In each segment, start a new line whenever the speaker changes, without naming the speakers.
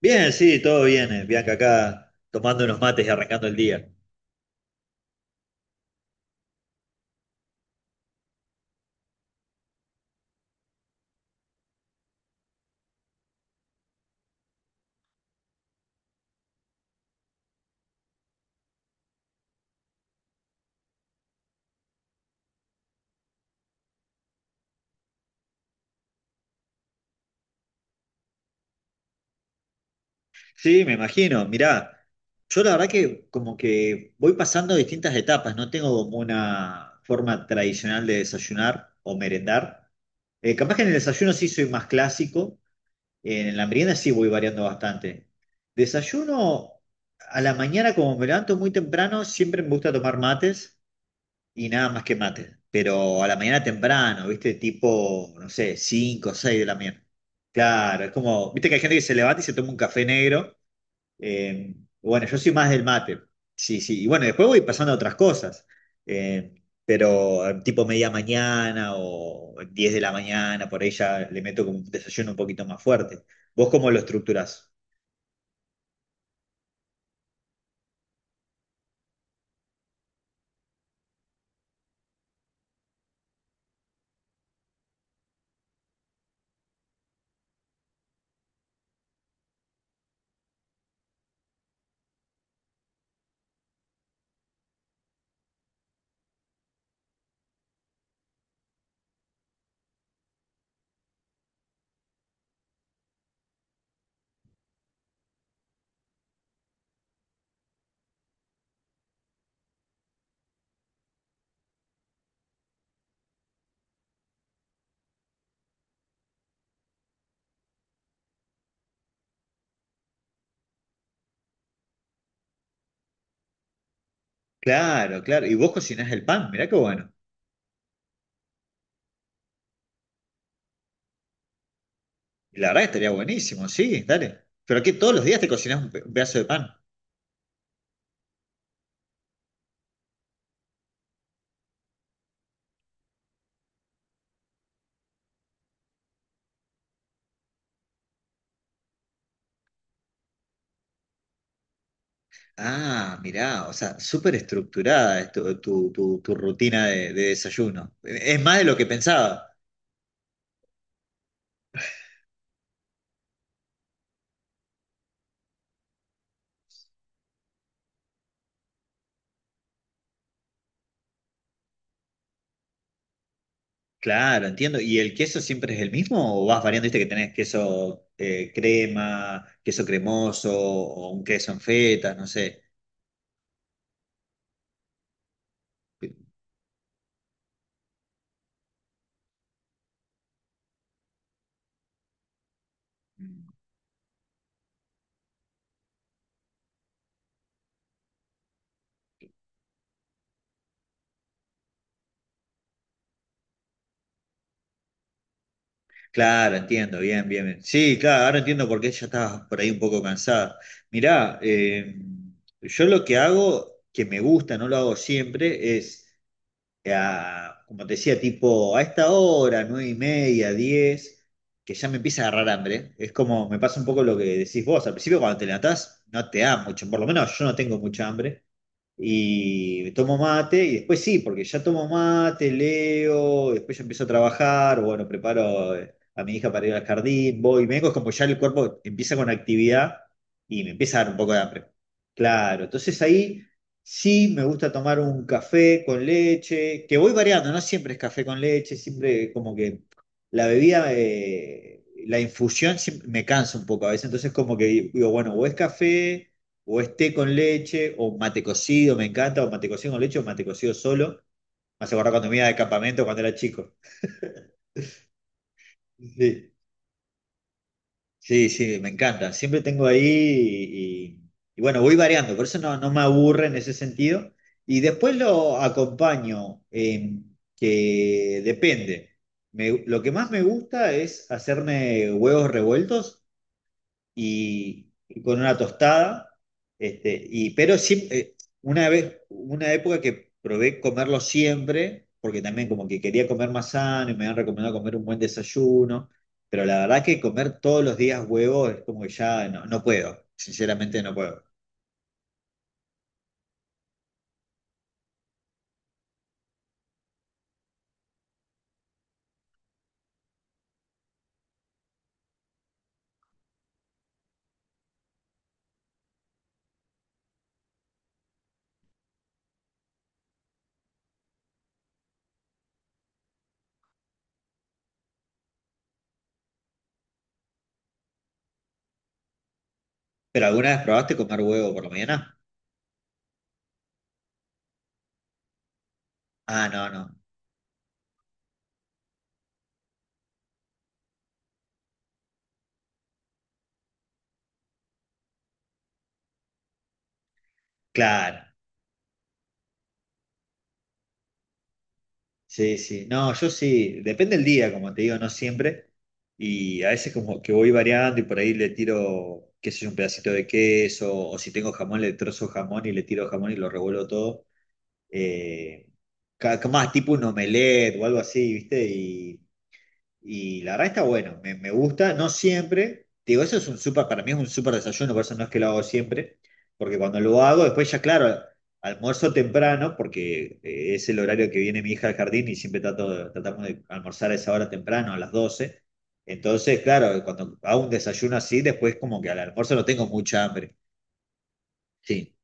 Bien, sí, todo bien, Bianca, acá tomando unos mates y arrancando el día. Sí, me imagino, mirá, yo la verdad que como que voy pasando distintas etapas, no tengo como una forma tradicional de desayunar o merendar. Capaz que en el desayuno sí soy más clásico, en la merienda sí voy variando bastante. Desayuno a la mañana, como me levanto muy temprano, siempre me gusta tomar mates. Y nada más que mate. Pero a la mañana temprano, ¿viste? Tipo, no sé, 5 o 6 de la mañana. Claro, es como, ¿viste que hay gente que se levanta y se toma un café negro? Eh, bueno, yo soy más del mate. Sí, sí. Y bueno, después voy pasando a otras cosas. Pero tipo media mañana o 10 de la mañana, por ahí ya le meto como un desayuno un poquito más fuerte. ¿Vos cómo lo estructurás? Claro, claro. Y vos cocinás el pan, mirá qué bueno. La verdad que estaría buenísimo, sí, dale. Pero que todos los días te cocinas un pedazo de pan. Ah, mirá, o sea, súper estructurada es tu rutina de desayuno. Es más de lo que pensaba. Claro, entiendo. ¿Y el queso siempre es el mismo o vas variando? Viste que tenés queso crema, queso cremoso o un queso en feta, no sé. Claro, entiendo, bien, bien, bien. Sí, claro, ahora entiendo por qué ella estaba por ahí un poco cansada. Mirá, yo lo que hago, que me gusta, no lo hago siempre, es, como te decía, tipo a esta hora, nueve y media, diez, que ya me empieza a agarrar hambre. Es como, me pasa un poco lo que decís vos, al principio cuando te levantás no te da mucho, por lo menos yo no tengo mucha hambre y tomo mate, y después sí, porque ya tomo mate, leo, después ya empiezo a trabajar, bueno, preparo a mi hija para ir al jardín, voy, me vengo, es como ya el cuerpo empieza con actividad y me empieza a dar un poco de hambre. Claro, entonces ahí sí me gusta tomar un café con leche, que voy variando, no siempre es café con leche, siempre como que la bebida... La infusión siempre me cansa un poco a veces, entonces como que digo, bueno, o es café, o es té con leche, o mate cocido, me encanta, o mate cocido con leche, o mate cocido solo. Me hace acordar cuando me iba de campamento cuando era chico. Sí, sí, sí, me encanta. Siempre tengo ahí y bueno, voy variando, por eso no, no me aburre en ese sentido. Y después lo acompaño, que depende. Lo que más me gusta es hacerme huevos revueltos y con una tostada. Este, y, pero siempre, una vez, una época que probé comerlo siempre, porque también como que quería comer más sano y me han recomendado comer un buen desayuno, pero la verdad que comer todos los días huevo es como que ya no, no puedo, sinceramente no puedo. ¿Pero alguna vez probaste comer huevo por la mañana? Ah, no, no, claro. Sí, sí, no, yo sí, depende del día, como te digo, no siempre, y a veces como que voy variando y por ahí le tiro, qué sé yo, un pedacito de queso, o si tengo jamón, le trozo jamón y le tiro jamón y lo revuelvo todo, eh, más tipo un omelette o algo así, ¿viste? Y la verdad está bueno, me gusta, no siempre. Te digo, eso es un súper, para mí es un súper desayuno, por eso no es que lo hago siempre, porque cuando lo hago, después ya, claro, almuerzo temprano, porque es el horario que viene mi hija al jardín y siempre trato, tratamos de almorzar a esa hora temprano, a las doce. Entonces, claro, cuando hago un desayuno así, después como que al almuerzo no tengo mucha hambre. Sí,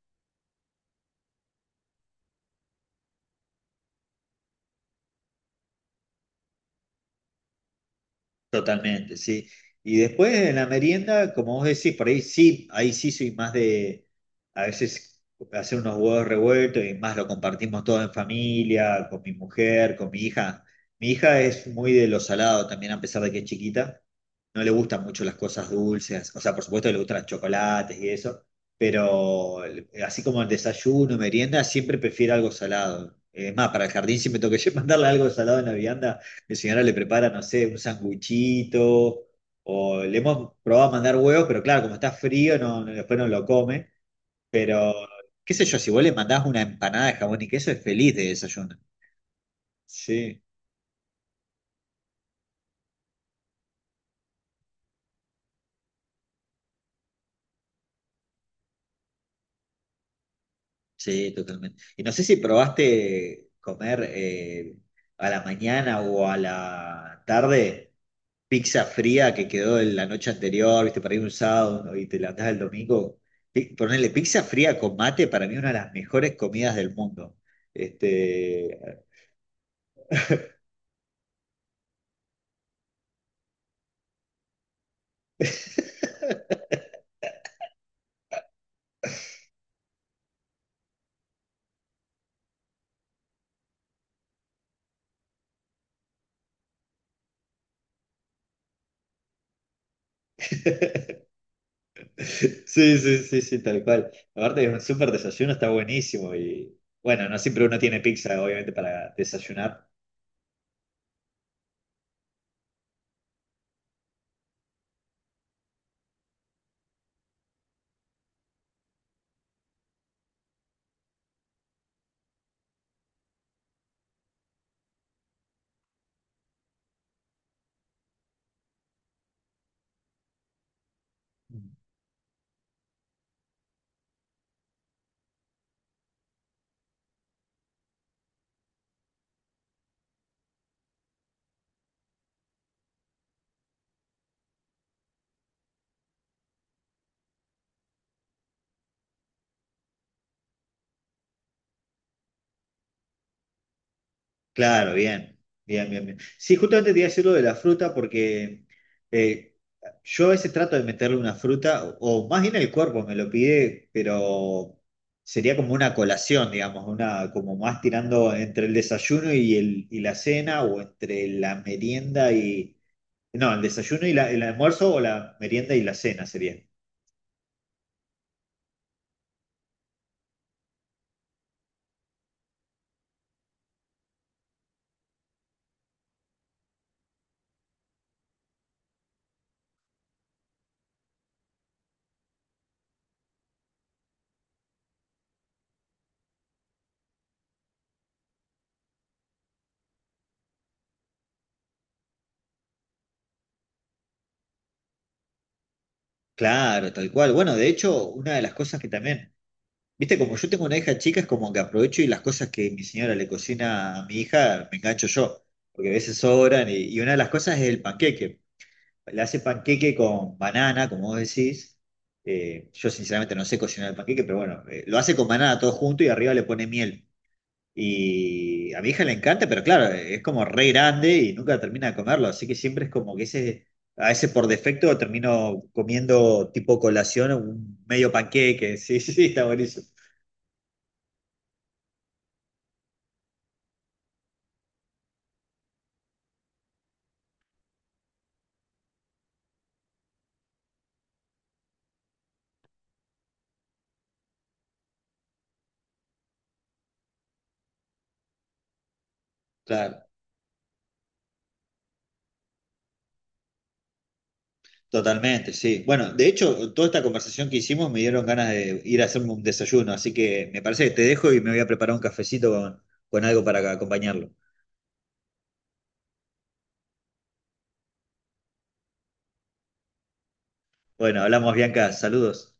totalmente, sí. Y después en la merienda, como vos decís, por ahí sí soy más de a veces hacer unos huevos revueltos y más lo compartimos todo en familia, con mi mujer, con mi hija. Mi hija es muy de lo salado también, a pesar de que es chiquita. No le gustan mucho las cosas dulces, o sea, por supuesto que le gustan los chocolates y eso, pero así como el desayuno, merienda, siempre prefiere algo salado. Es más, para el jardín siempre tengo que mandarle algo salado en la vianda. Mi señora le prepara, no sé, un sanguchito, o le hemos probado a mandar huevos, pero claro, como está frío, después no lo come. Pero, qué sé yo, si vos le mandás una empanada de jamón y queso, es feliz de desayuno. Sí, sí, totalmente. Y no sé si probaste comer a la mañana o a la tarde, pizza fría que quedó de la noche anterior, viste, para ir un sábado, ¿no? Y te la levantás el domingo. Ponerle pizza fría con mate para mí es una de las mejores comidas del mundo. Este, sí, sí, sí, sí, tal cual. Aparte es un súper desayuno, está buenísimo y bueno, no siempre uno tiene pizza, obviamente, para desayunar. Claro, bien, bien, bien. Sí, justamente te iba a decir lo de la fruta porque eh, yo a veces trato de meterle una fruta, o más bien el cuerpo me lo pide, pero sería como una colación, digamos, una, como más tirando entre el desayuno y, el, y la cena, o entre la merienda y... No, el desayuno y el almuerzo o la merienda y la cena sería. Claro, tal cual. Bueno, de hecho, una de las cosas que también, viste, como yo tengo una hija chica, es como que aprovecho y las cosas que mi señora le cocina a mi hija, me engancho yo, porque a veces sobran. Y una de las cosas es el panqueque. Le hace panqueque con banana, como vos decís. Yo sinceramente no sé cocinar el panqueque, pero bueno, lo hace con banana todo junto y arriba le pone miel. Y a mi hija le encanta, pero claro, es como re grande y nunca termina de comerlo. Así que siempre es como que ese, a ese por defecto termino comiendo tipo colación un medio panqueque. Sí, sí, está buenísimo. Claro. Totalmente, sí. Bueno, de hecho, toda esta conversación que hicimos me dieron ganas de ir a hacerme un desayuno, así que me parece que te dejo y me voy a preparar un cafecito con algo para acompañarlo. Bueno, hablamos, Bianca, saludos.